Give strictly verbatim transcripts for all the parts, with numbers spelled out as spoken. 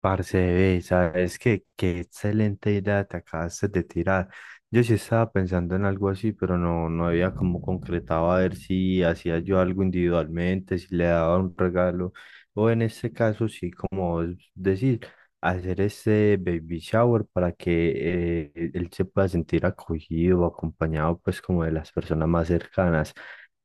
Parce, ve, sabes que qué qué excelente idea te acabaste de tirar. Yo sí estaba pensando en algo así, pero no, no había como concretado a ver si hacía yo algo individualmente, si le daba un regalo, o en este caso, sí, como decir, hacer ese baby shower para que eh, él se pueda sentir acogido o acompañado, pues, como de las personas más cercanas.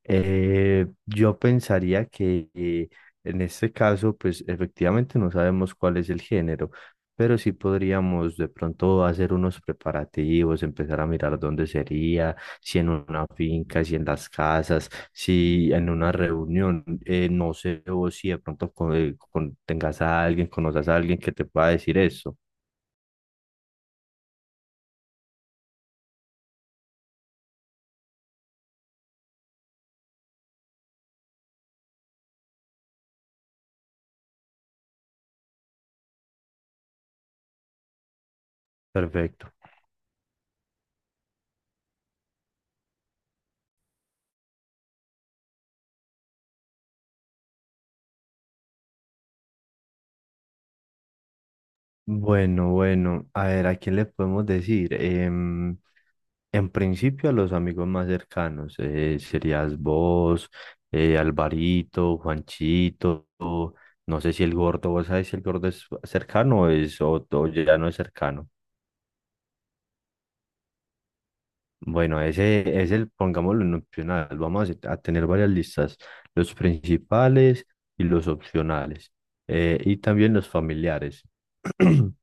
Eh, yo pensaría que eh, en este caso, pues efectivamente no sabemos cuál es el género, pero sí podríamos de pronto hacer unos preparativos, empezar a mirar dónde sería, si en una finca, si en las casas, si en una reunión, eh, no sé, o si de pronto con, eh, con- tengas a alguien, conozcas a alguien que te pueda decir eso. Perfecto. Bueno, bueno, a ver, ¿a quién le podemos decir? Em, en principio a los amigos más cercanos, eh, serías vos, eh, Alvarito, Juanchito, no sé si el gordo, vos sabés si el gordo es cercano o, es, o, o ya no es cercano. Bueno, ese es el, pongámoslo en opcional, vamos a, a tener varias listas, los principales y los opcionales, eh, y también los familiares.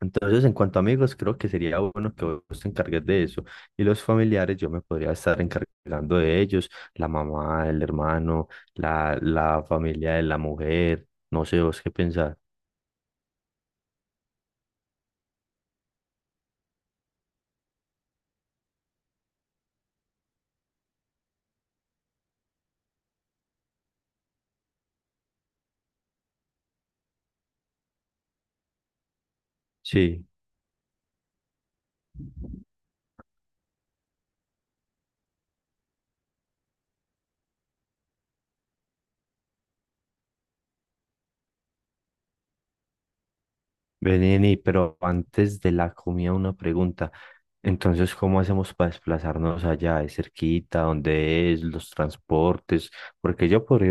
Entonces, en cuanto a amigos, creo que sería bueno que vos te encargues de eso. Y los familiares, yo me podría estar encargando de ellos, la mamá, el hermano, la, la familia de la mujer, no sé vos qué pensar. Sí, vení, pero antes de la comida una pregunta. Entonces, ¿cómo hacemos para desplazarnos allá? ¿Es cerquita? ¿Dónde es? ¿Los transportes? Porque yo, por,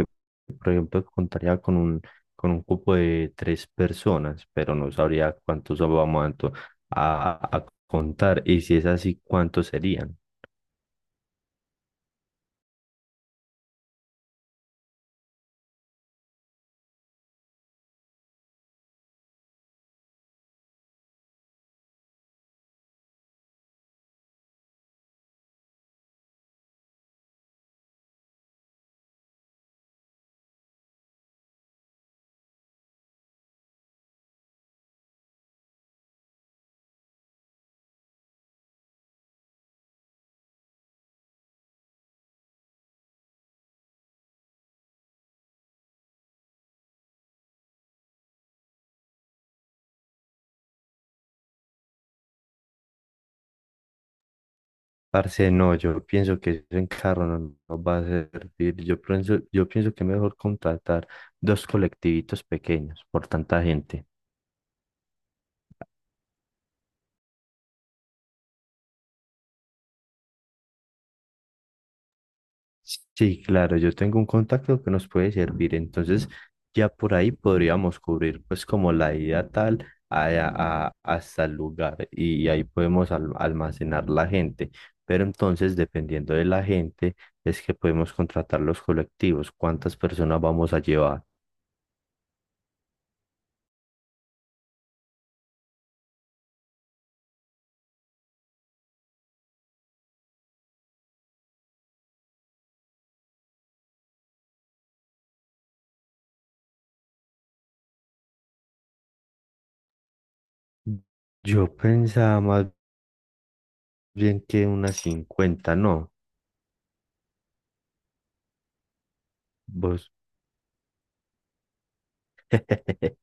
por ejemplo, contaría con un, con un cupo de tres personas, pero no sabría cuántos vamos a, ento- a- a contar. Y si es así, ¿cuántos serían? Parce, no, yo pienso que eso en carro no nos va a servir. Yo pienso, yo pienso que es mejor contratar dos colectivitos pequeños por tanta gente. Sí, claro, yo tengo un contacto que nos puede servir, entonces ya por ahí podríamos cubrir pues como la ida tal a- a- hasta el lugar y ahí podemos al- almacenar la gente, pero entonces dependiendo de la gente es que podemos contratar los colectivos, cuántas personas vamos a llevar. Yo pensaba más bien que unas cincuenta, ¿no? Vos.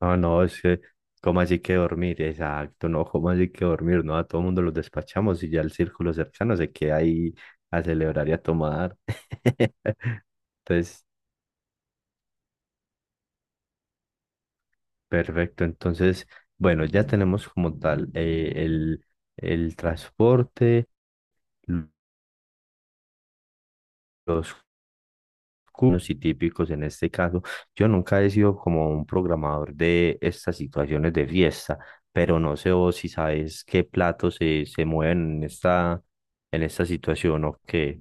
No, no, Es que, ¿cómo así que dormir? Exacto, no, ¿cómo así que dormir? No, a todo el mundo los despachamos y ya el círculo cercano se queda ahí a celebrar y a tomar. Entonces, perfecto. Entonces, bueno, ya tenemos como tal eh, el, el transporte, l- los comunes y típicos en este caso. Yo nunca he sido como un programador de estas situaciones de fiesta, pero no sé vos si sabes qué platos se, se mueven en esta, en esta situación o qué.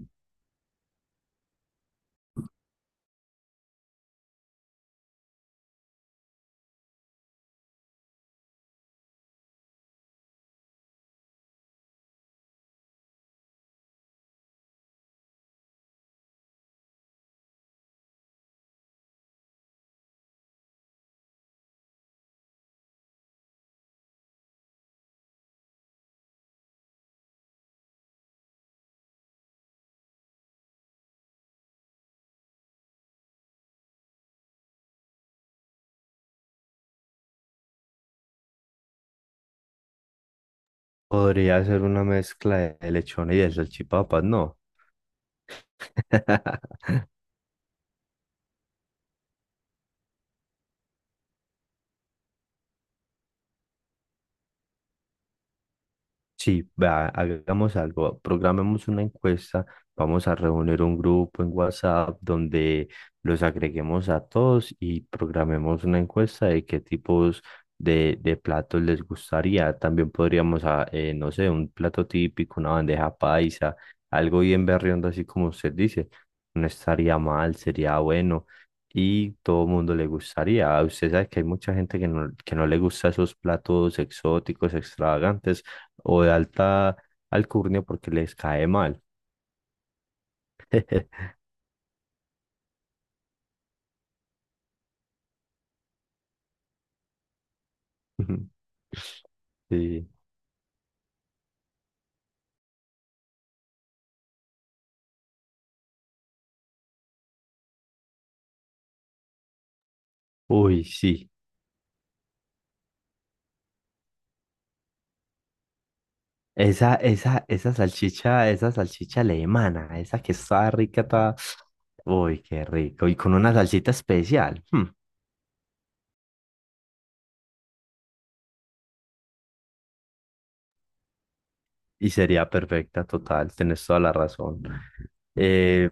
Podría ser una mezcla de lechona y de salchipapas, ¿no? Sí, vea, hagamos algo, programemos una encuesta, vamos a reunir un grupo en WhatsApp donde los agreguemos a todos y programemos una encuesta de qué tipos de, de platos les gustaría. También podríamos, ah, eh, no sé, un plato típico, una bandeja paisa, algo bien berriondo, así como usted dice. No estaría mal, sería bueno y todo el mundo le gustaría. Usted sabe que hay mucha gente que no, que no le gusta esos platos exóticos, extravagantes o de alta alcurnia porque les cae mal. Sí. Uy, sí. Esa, esa, esa salchicha, esa salchicha alemana, esa que está rica, está... Uy, qué rico. Y con una salsita especial. Hmm. Y sería perfecta, total, tienes toda la razón. Eh,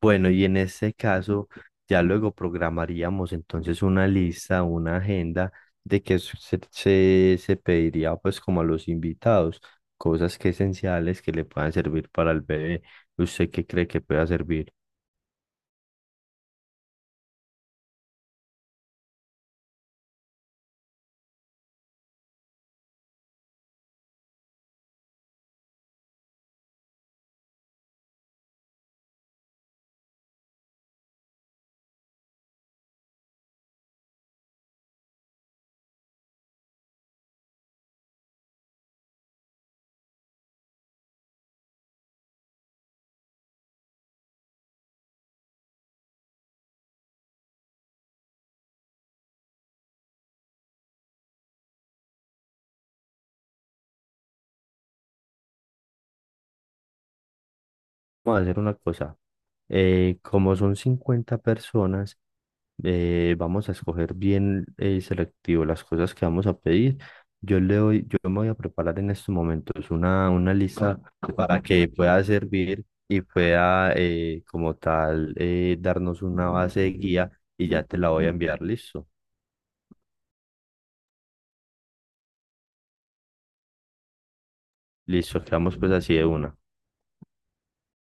bueno, y en ese caso, ya luego programaríamos entonces una lista, una agenda de que se, se, se pediría pues como a los invitados, cosas que esenciales que le puedan servir para el bebé. ¿Usted qué cree que pueda servir? Vamos a hacer una cosa. Eh, como son cincuenta personas, eh, vamos a escoger bien eh, selectivo las cosas que vamos a pedir. Yo le doy, yo me voy a preparar en estos momentos una, una lista para que pueda servir y pueda, eh, como tal, eh, darnos una base de guía y ya te la voy a enviar. Listo. Listo, quedamos pues así de una.